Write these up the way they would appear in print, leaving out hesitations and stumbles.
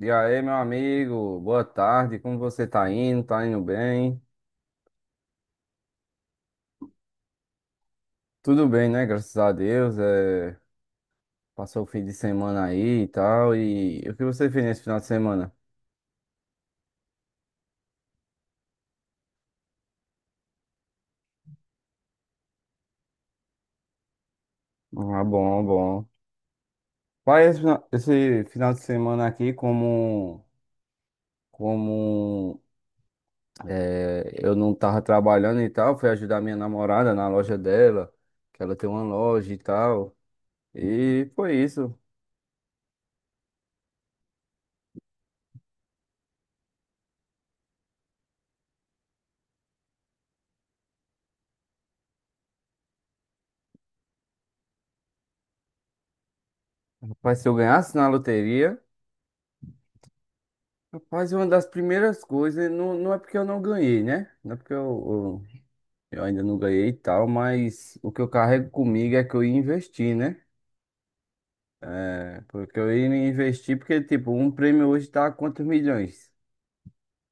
E aí, meu amigo, boa tarde. Como você tá indo? Tá indo bem? Tudo bem, né? Graças a Deus. Passou o fim de semana aí e tal. E o que você fez nesse final de semana? Ah, bom, bom. Pai, esse final de semana aqui, como é, eu não tava trabalhando e tal, fui ajudar minha namorada na loja dela, que ela tem uma loja e tal. E foi isso. Rapaz, se eu ganhasse na loteria. Rapaz, uma das primeiras coisas, não é porque eu não ganhei, né? Não é porque eu ainda não ganhei e tal, mas o que eu carrego comigo é que eu ia investir, né? É, porque eu ia investir, porque, tipo, um prêmio hoje tá a quantos milhões?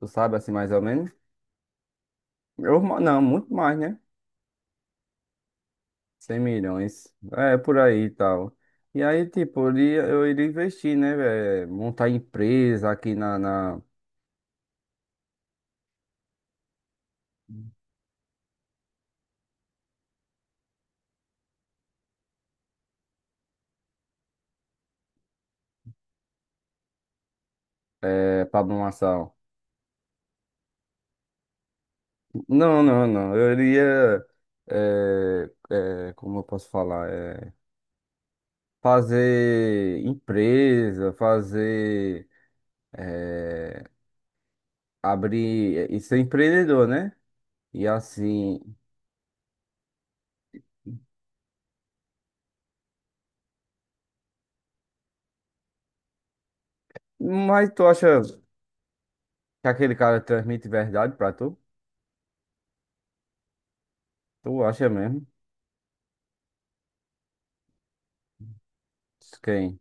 Tu sabe, assim, mais ou menos? Eu, não, muito mais, né? 100 milhões, é, por aí e tal. E aí, tipo, eu iria investir, né, velho? Montar empresa aqui na, Pablo. Não, não, não. Eu iria, eh, como eu posso falar, fazer empresa, fazer, eh, abrir e ser empreendedor, né? E assim. Mas tu acha que aquele cara transmite verdade pra tu? Tu acha mesmo? Quem?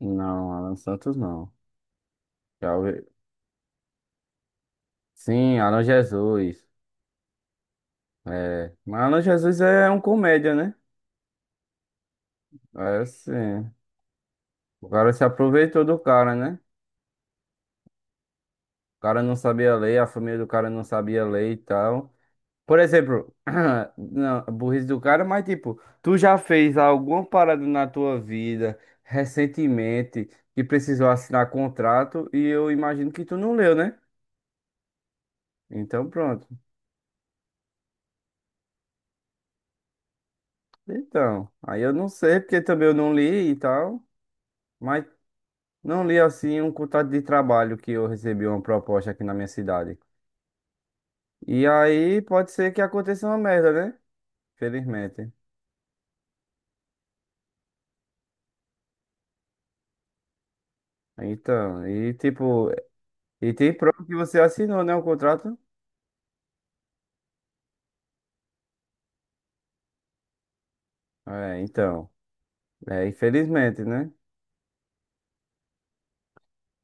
Não, Alan Santos não. Já ouvi- Sim, Alan Jesus. É. Mas Alan Jesus é um comédia, né? É sim. O cara se aproveitou do cara, né? O cara não sabia ler, a família do cara não sabia ler e tal. Por exemplo, não, burrice do cara, mas tipo, tu já fez alguma parada na tua vida recentemente que precisou assinar contrato e eu imagino que tu não leu, né? Então pronto. Então, aí eu não sei porque também eu não li e tal, mas não li assim um contrato de trabalho que eu recebi uma proposta aqui na minha cidade. E aí pode ser que aconteça uma merda, né? Felizmente. Então, e tipo, e tem prova que você assinou, né, o contrato? É, então. É, infelizmente, né?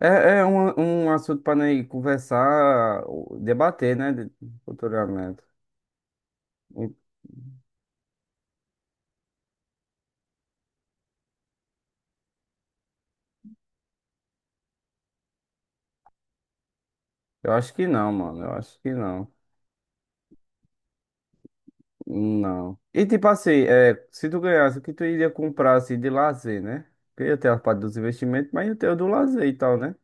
É um assunto para nós conversar, debater, né, futuramente. E Eu acho que não, mano. Eu acho que não. Não. E tipo assim, se tu ganhasse, o que tu iria comprar assim de lazer, né? Porque eu tenho a parte dos investimentos, mas eu tenho do lazer e tal, né? A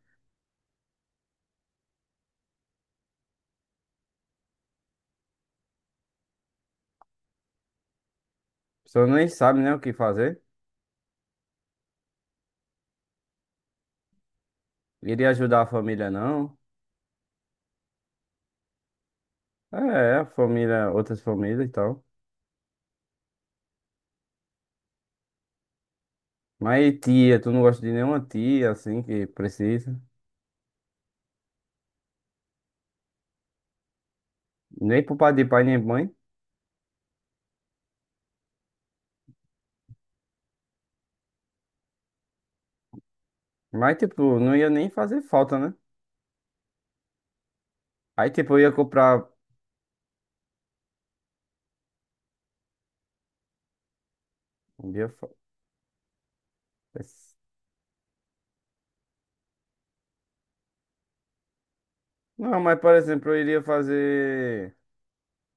pessoa nem sabe, né, o que fazer. Iria ajudar a família, não. É, a família, outras famílias e tal. Mas tia, tu não gosta de nenhuma tia, assim, que precisa. Nem pro pai de pai, nem mãe. Mas, tipo, não ia nem fazer falta, né? Aí, tipo, eu ia comprar. não ia fa- Não, mas, por exemplo, eu iria fazer.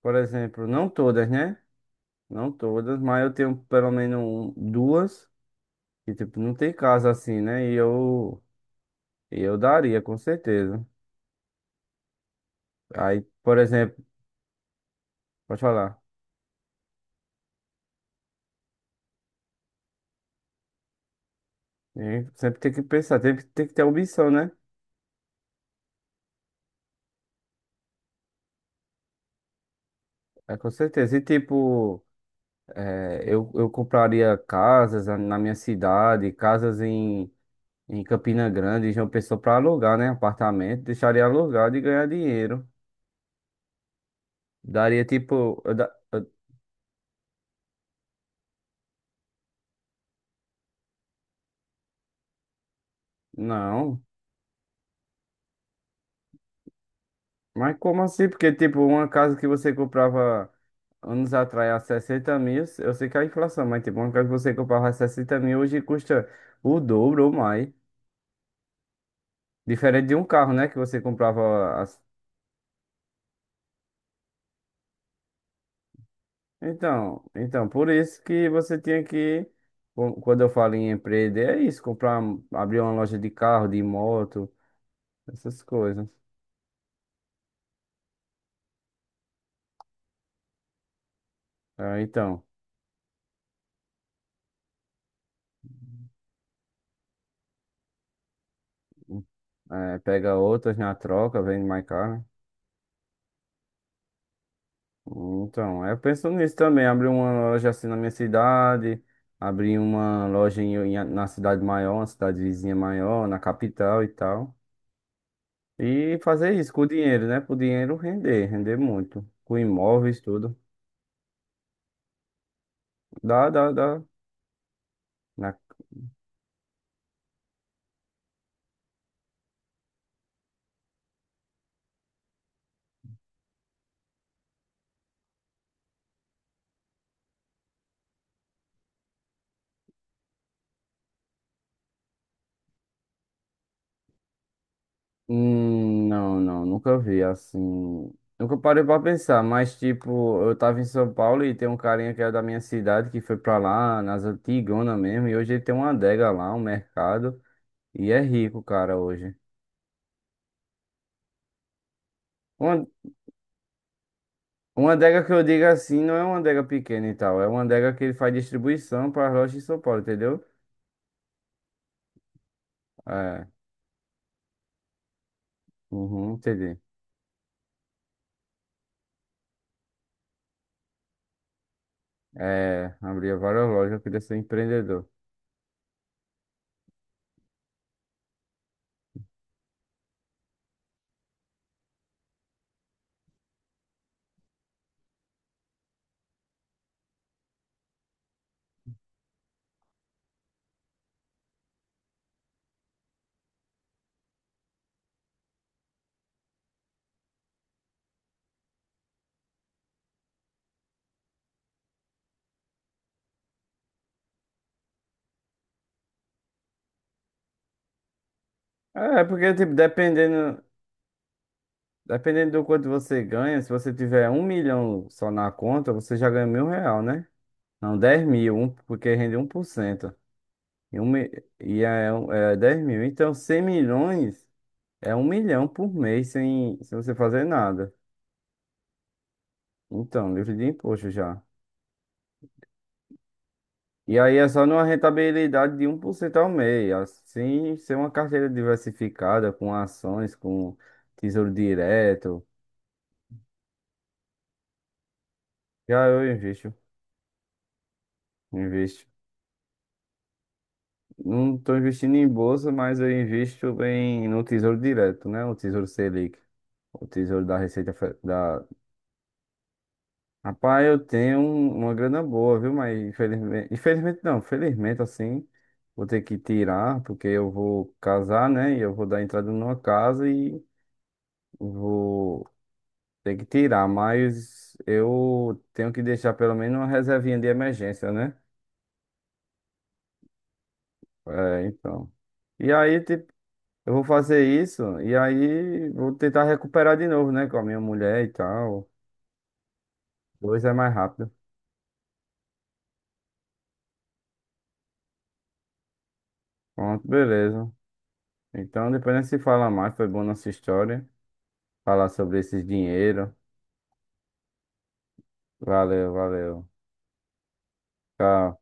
Por exemplo, não todas, né? Não todas, mas eu tenho pelo menos duas. Que, tipo, não tem casa assim, né? E eu daria, com certeza. Aí, por exemplo, pode falar. E sempre tem que pensar, tem que ter ambição, né? É, com certeza. E, tipo. É, eu compraria casas na minha cidade, casas em Campina Grande, em João Pessoa para alugar, né? Apartamento, deixaria alugado e ganhar dinheiro. Daria tipo. Não, mas como assim? Porque, tipo, uma casa que você comprava anos atrás a 60 mil, eu sei que é a inflação, mas, tipo, uma casa que você comprava a 60 mil hoje custa o dobro ou mais. Diferente de um carro, né? Que você comprava. Então, por isso que você tinha que, quando eu falo em empreender, é isso, comprar, abrir uma loja de carro, de moto, essas coisas. Ah, então, pega outras na troca, vende mais caro, né? Então, eu penso nisso também, abrir uma loja assim na minha cidade, abrir uma loja em, na cidade maior, na cidade vizinha maior, na capital e tal. E fazer isso com o dinheiro, né? Pro dinheiro render, render muito. Com imóveis, tudo. Dá, dá, dá, né? Não, não, nunca vi assim. Nunca parei pra pensar, mas tipo, eu tava em São Paulo e tem um carinha que é da minha cidade que foi pra lá, nas antigonas mesmo, e hoje ele tem uma adega lá, um mercado, e é rico, cara, hoje. Uma, uma adega que eu digo assim, não é uma adega pequena e tal, é uma adega que ele faz distribuição pra lojas em São Paulo, entendeu? É, uhum, entendi. É, abria várias lojas, eu queria ser empreendedor. É, porque, tipo, dependendo. Dependendo do quanto você ganha, se você tiver 1 milhão só na conta, você já ganha mil real, né? Não, 10 mil, um, porque rende 1%. E, um, mi- é 10 mil. Então, 100 milhões é 1 milhão por mês sem você fazer nada. Então, livre de imposto já. E aí é só numa rentabilidade de 1% ao mês. Assim, ser uma carteira diversificada com ações, com tesouro direto. Já eu invisto. Invisto. Não estou investindo em bolsa, mas eu invisto no Tesouro Direto, né? O Tesouro Selic, o Tesouro da Receita da... Rapaz, eu tenho uma grana boa, viu? Mas infelizmente, infelizmente não, felizmente assim, vou ter que tirar, porque eu vou casar, né? E eu vou dar entrada numa casa e vou ter que tirar, mas eu tenho que deixar pelo menos uma reservinha de emergência, né? É, então. E aí, tipo, eu vou fazer isso e aí vou tentar recuperar de novo, né? Com a minha mulher e tal. Dois é mais rápido. Pronto, beleza. Então depois a gente se fala mais. Foi boa nossa história. Falar sobre esses dinheiro. Valeu, valeu. Tchau.